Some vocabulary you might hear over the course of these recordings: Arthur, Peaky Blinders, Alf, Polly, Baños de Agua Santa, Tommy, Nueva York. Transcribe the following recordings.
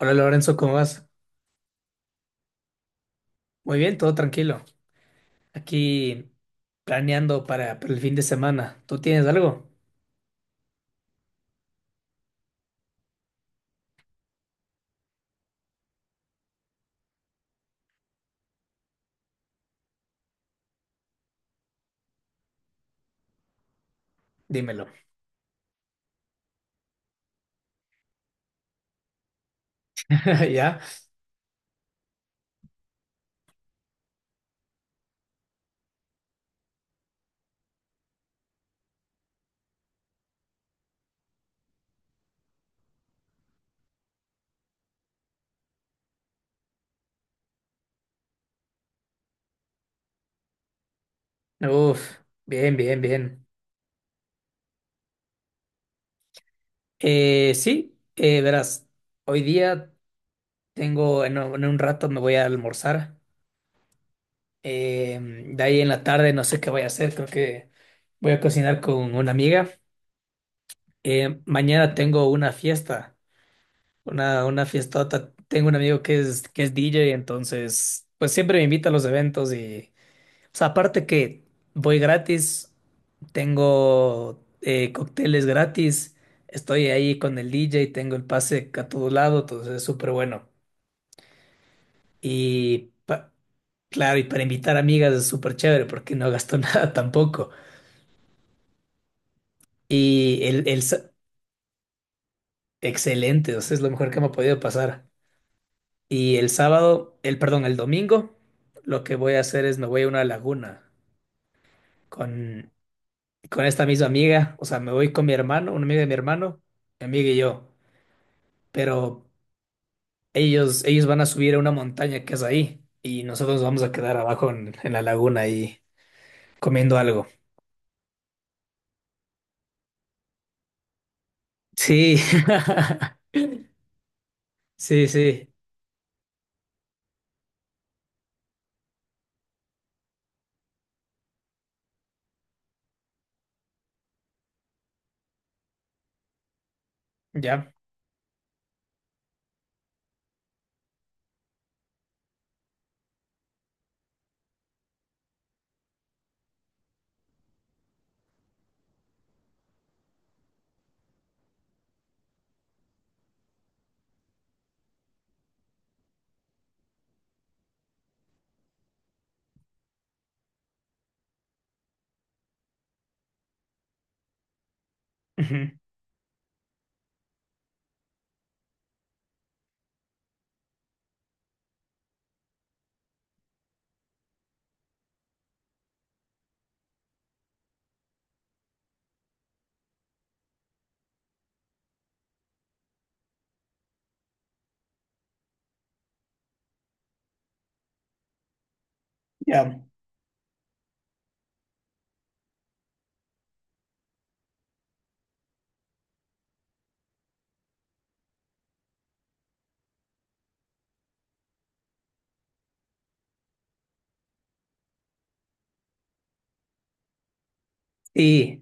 Hola Lorenzo, ¿cómo vas? Muy bien, todo tranquilo. Aquí planeando para el fin de semana. ¿Tú tienes algo? Dímelo. ¿Ya? Uf, bien, bien, bien. Sí, verás, hoy día tengo, en un rato me voy a almorzar. De ahí en la tarde no sé qué voy a hacer, creo que voy a cocinar con una amiga. Mañana tengo una fiesta. Una fiestota. Tengo un amigo que es DJ, entonces, pues siempre me invita a los eventos y, o sea, aparte que voy gratis, tengo cócteles gratis, estoy ahí con el DJ, tengo el pase a todo lado, entonces es súper bueno. Y, pa- claro, y para invitar amigas es súper chévere porque no gasto nada tampoco. Y el, sa- excelente, o sea, es lo mejor que me ha podido pasar. Y el sábado, el, perdón, el domingo, lo que voy a hacer es me voy a una laguna con, con esta misma amiga. O sea, me voy con mi hermano, una amiga de mi hermano, mi amiga y yo. Pero ellos van a subir a una montaña que es ahí y nosotros nos vamos a quedar abajo en la laguna y comiendo algo. Sí, sí, sí, ya. Ujú, ya. y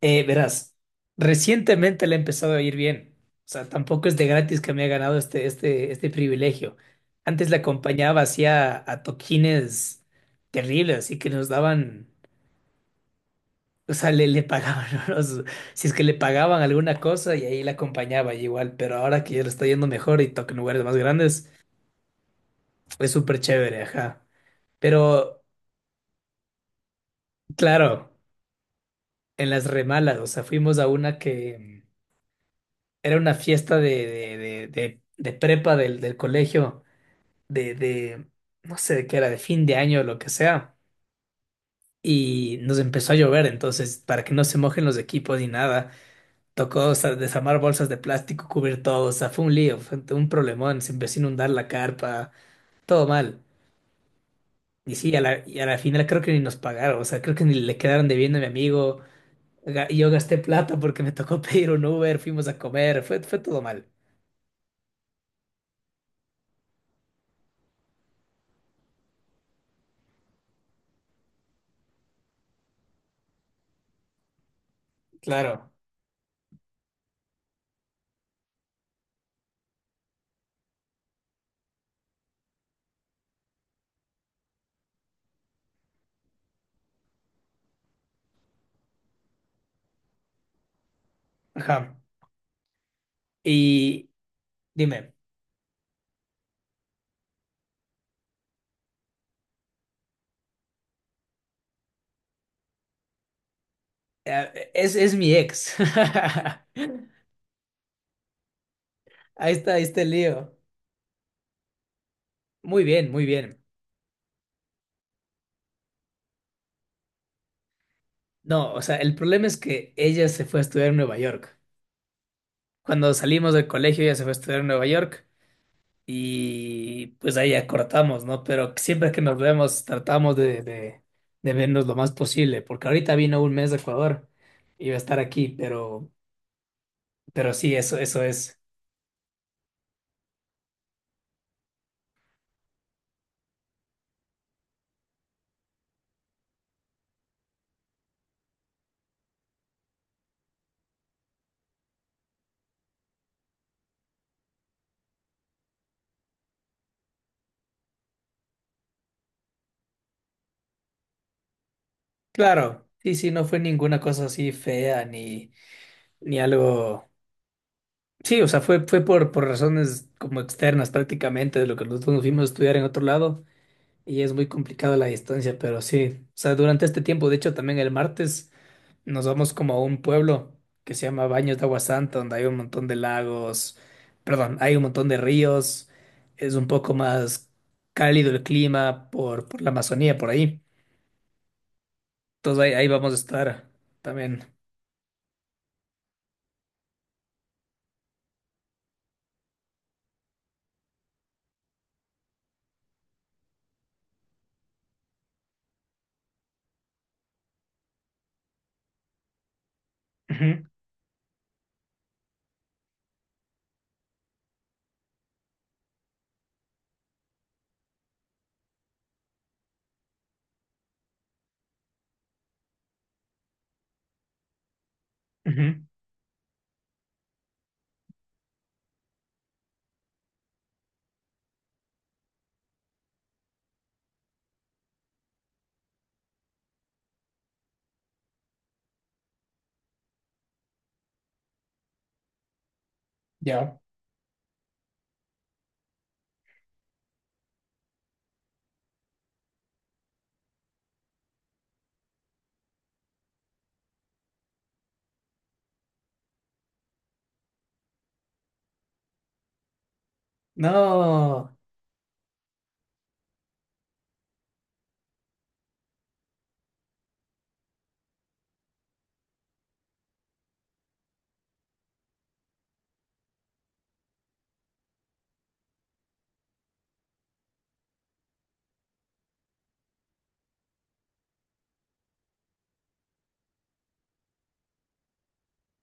Verás, recientemente le ha empezado a ir bien. O sea, tampoco es de gratis que me ha ganado este privilegio. Antes la acompañaba, hacía a toquines terribles, así que nos daban, o sea, le pagaban, unos- si es que le pagaban alguna cosa y ahí la acompañaba y igual, pero ahora que ya le está yendo mejor y toca en lugares más grandes, es súper chévere, ajá. Pero, claro, en las remalas, o sea, fuimos a una que... Era una fiesta de prepa del colegio, de, de, no sé de qué era, de fin de año o lo que sea. Y nos empezó a llover, entonces, para que no se mojen los equipos ni nada, tocó, o sea, desarmar bolsas de plástico, cubrir todo, o sea, fue un lío, fue un problemón, se empezó a inundar la carpa, todo mal. Y sí, a la, y a la final creo que ni nos pagaron, o sea, creo que ni le quedaron debiendo a mi amigo. Ga- yo gasté plata porque me tocó pedir un Uber, fuimos a comer, fue, fue todo mal. Claro. Ajá. Y, dime, es mi ex. Ahí está el lío. Muy bien, muy bien. No, o sea, el problema es que ella se fue a estudiar en Nueva York. Cuando salimos del colegio, ella se fue a estudiar en Nueva York y pues ahí acortamos, ¿no? Pero siempre que nos vemos, tratamos de vernos lo más posible, porque ahorita vino un mes de Ecuador y va a estar aquí, pero sí, eso es. Claro, sí, sí, no fue ninguna cosa así fea ni, ni algo. Sí, o sea, fue, fue por razones como externas prácticamente de lo que nosotros nos fuimos a estudiar en otro lado y es muy complicado la distancia, pero sí, o sea, durante este tiempo, de hecho también el martes nos vamos como a un pueblo que se llama Baños de Agua Santa, donde hay un montón de lagos, perdón, hay un montón de ríos, es un poco más cálido el clima por la Amazonía, por ahí. Entonces ahí vamos a estar también. Ujú, ujú, ya. No.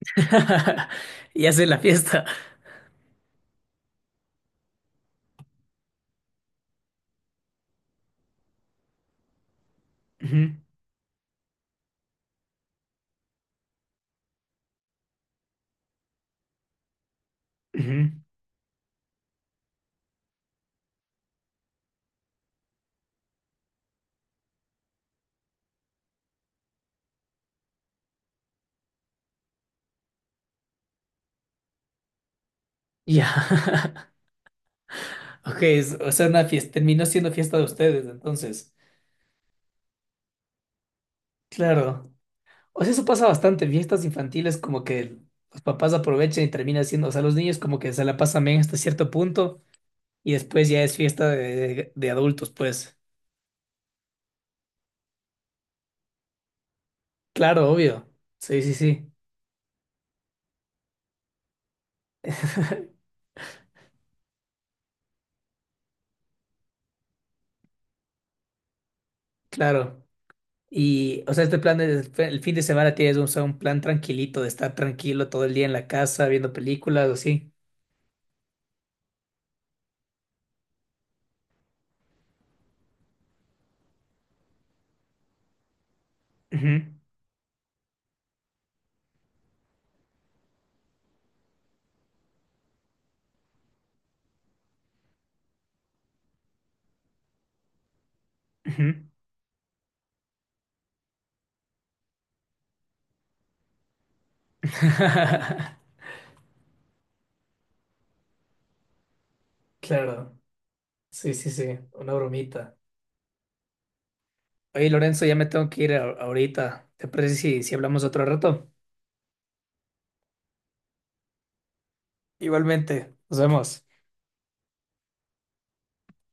Ya sé la fiesta. Ujú, ujú. Ya. Ok, es- o sea, una fiesta, terminó siendo fiesta de ustedes, entonces. Claro. O sea, eso pasa bastante en fiestas infantiles, como que los papás aprovechan y termina siendo, o sea, los niños como que se la pasan bien hasta cierto punto y después ya es fiesta de adultos, pues. Claro, obvio. Sí, sí, sí, claro. Y, o sea, este plan es- el fin de semana tienes un, o sea, un plan tranquilito de estar tranquilo todo el día en la casa viendo películas o así. Ujú, ujú. Claro. Sí, sí, sí, una bromita. Oye, Lorenzo, ya me tengo que ir a- ahorita. ¿Te parece si, si hablamos otro rato? Igualmente, nos vemos.